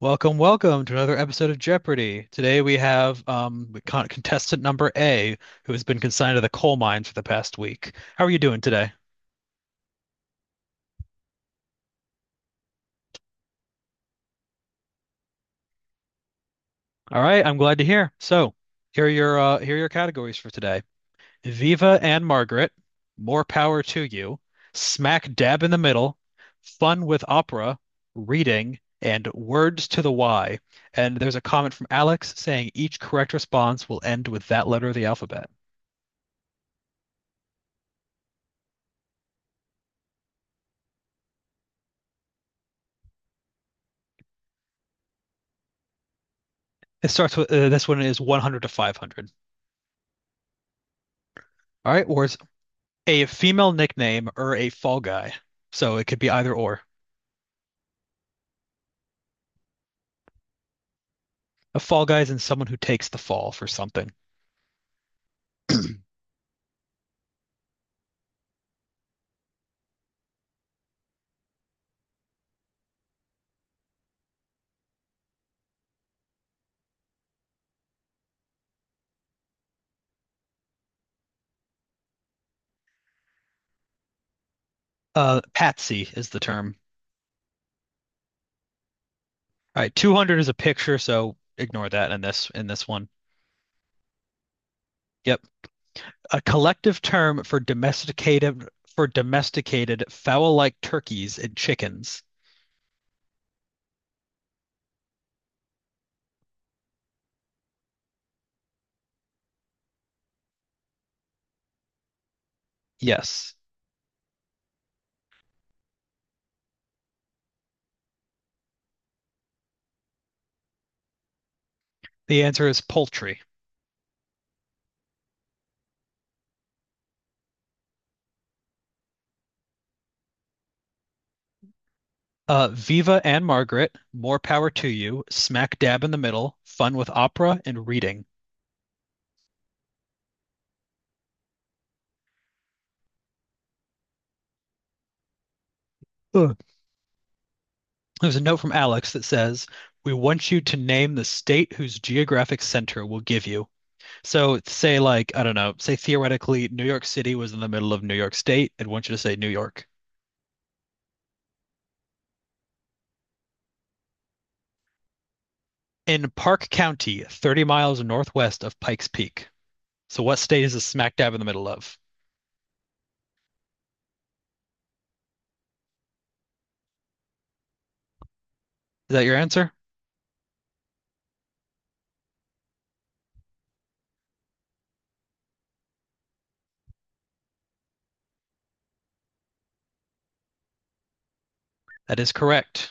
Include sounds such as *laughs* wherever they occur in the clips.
Welcome, welcome to another episode of Jeopardy! Today we have contestant number A, who has been consigned to the coal mine for the past week. How are you doing today? All right, I'm glad to hear. So, here are your categories for today: Viva and Margaret, More Power to You, Smack Dab in the Middle, Fun with Opera, Reading, and Words to the Y. And there's a comment from Alex saying each correct response will end with that letter of the alphabet. It starts with this one is 100 to 500. All right, or it's a female nickname or a fall guy. So it could be either or. A fall guy is in someone who takes the fall for something. *clears throat* Patsy is the term. All right, 200 is a picture, so ignore that in this one. Yep. A collective term for domesticated fowl-like turkeys and chickens. Yes. The answer is poultry. Viva and Margaret, more power to you. Smack dab in the middle. Fun with opera and reading. Ugh. There's a note from Alex that says, "We want you to name the state whose geographic center will give you." So say like, I don't know, say theoretically New York City was in the middle of New York State, I'd want you to say New York. In Park County, 30 miles northwest of Pikes Peak. So what state is this smack dab in the middle of? Is that your answer? That is correct.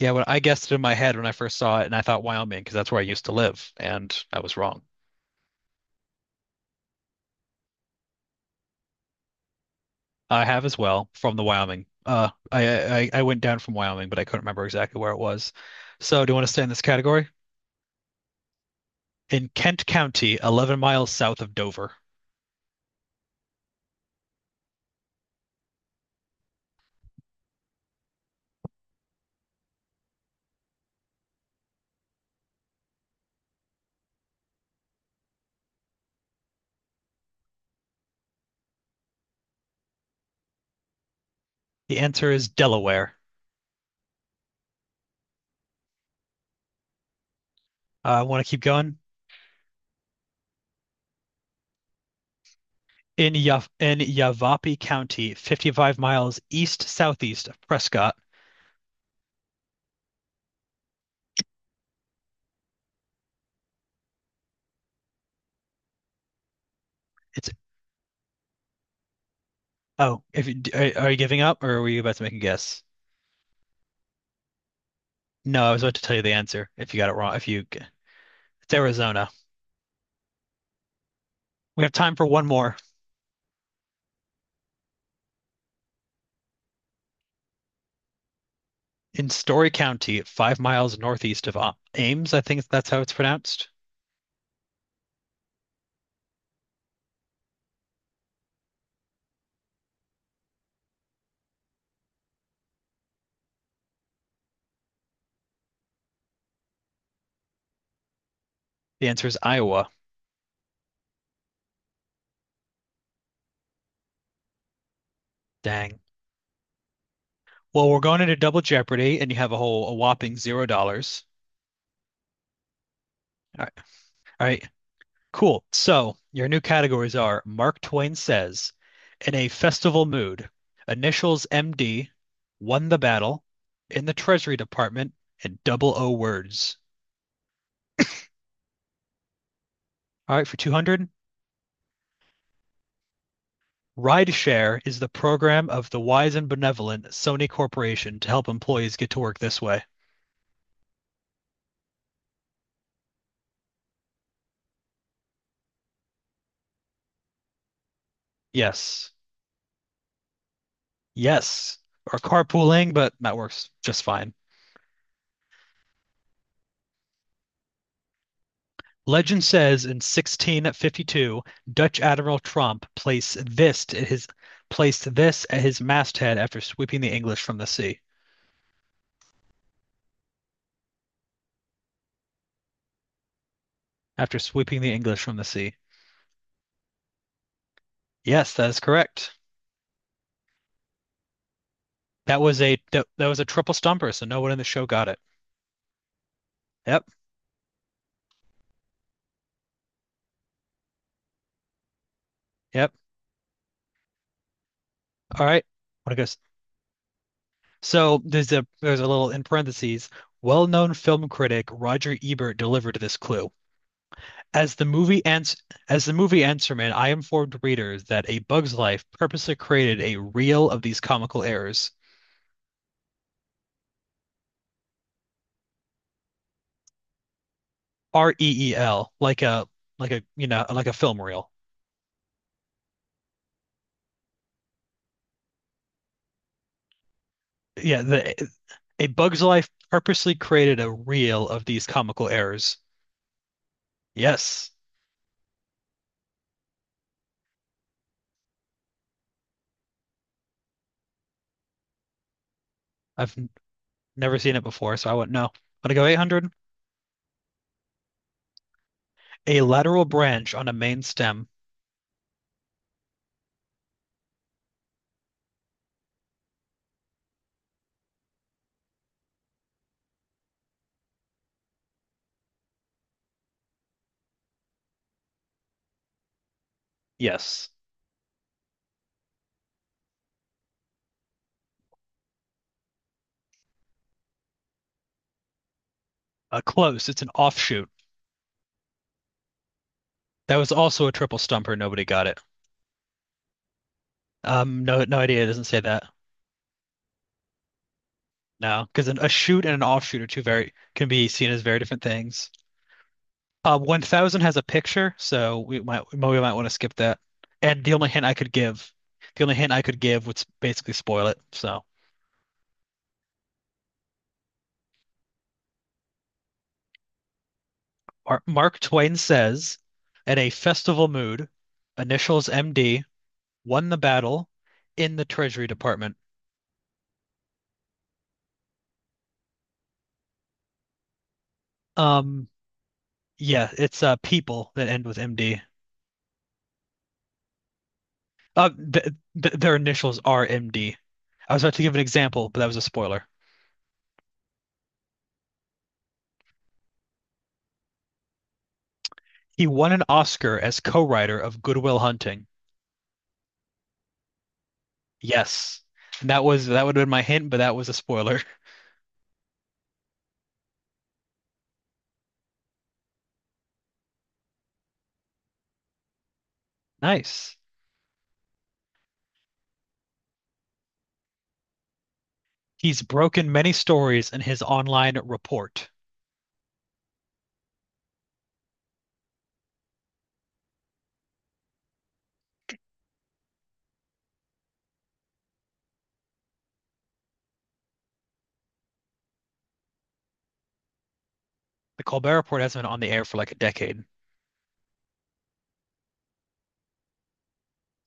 Yeah, when I guessed it in my head when I first saw it, and I thought Wyoming because that's where I used to live, and I was wrong. I have as well from the Wyoming. I went down from Wyoming, but I couldn't remember exactly where it was. So, do you want to stay in this category? In Kent County, 11 miles south of Dover. The answer is Delaware. I want to keep going. In Yavapai County, 55 miles east southeast of Prescott. It's Oh, if you, are you giving up or were you about to make a guess? No, I was about to tell you the answer if you got it wrong. If you, It's Arizona. We have time for one more. In Story County, 5 miles northeast of Ames, I think that's how it's pronounced. The answer is Iowa. Dang. Well, we're going into Double Jeopardy, and you have a whole a whopping $0. All right. All right. Cool. So your new categories are Mark Twain says, in a festival mood, initials MD, won the battle, in the Treasury Department, and double O words. All right, for 200. Rideshare is the program of the wise and benevolent Sony Corporation to help employees get to work this way. Yes. Yes. Or carpooling, but that works just fine. Legend says in 1652, Dutch Admiral Tromp placed this at his masthead after sweeping the English from the sea. After sweeping the English from the sea. Yes, that is correct. That was a triple stumper, so no one in the show got it. Yep. Yep. All right. Want to go So there's a little in parentheses. Well-known film critic Roger Ebert delivered this clue. As the movie ends, as the movie Answerman, I informed readers that A Bug's Life purposely created a reel of these comical errors. reel, like a like a film reel. Yeah, A Bug's Life purposely created a reel of these comical errors. Yes, I've never seen it before, so I wouldn't know. I'm gonna go 800. A lateral branch on a main stem. Yes. Close. It's an offshoot. That was also a triple stumper. Nobody got it. No, no idea. It doesn't say that. No, because a shoot and an offshoot are two very can be seen as very different things. 1000 has a picture, so we might want to skip that. And the only hint I could give, the only hint I could give would basically spoil it. So Mark Twain says, "At a festival mood, initials MD won the battle in the Treasury Department." Um, yeah, it's people that end with MD. Th th their initials are MD. I was about to give an example, but that was a spoiler. He won an Oscar as co-writer of Goodwill Hunting. Yes. And that would have been my hint, but that was a spoiler. *laughs* Nice. He's broken many stories in his online report. The Colbert Report hasn't been on the air for like a decade.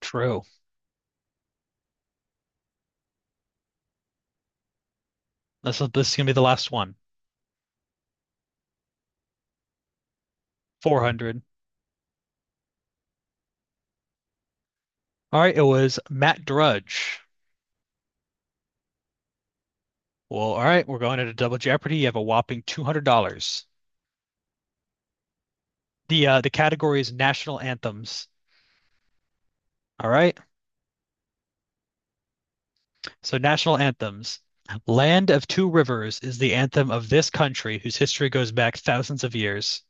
True. This is gonna be the last one. 400. All right, it was Matt Drudge. Well, all right, we're going into Double Jeopardy. You have a whopping $200. The category is national anthems. All right. So national anthems. Land of Two Rivers is the anthem of this country whose history goes back thousands of years.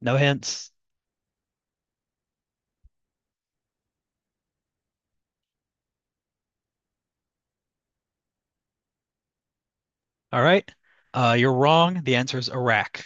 No hints. All right. You're wrong. The answer is Iraq.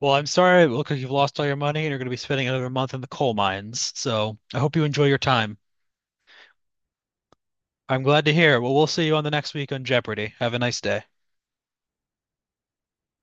Well, I'm sorry. It looks like you've lost all your money and you're going to be spending another month in the coal mines. So I hope you enjoy your time. I'm glad to hear. Well, we'll see you on the next week on Jeopardy. Have a nice day.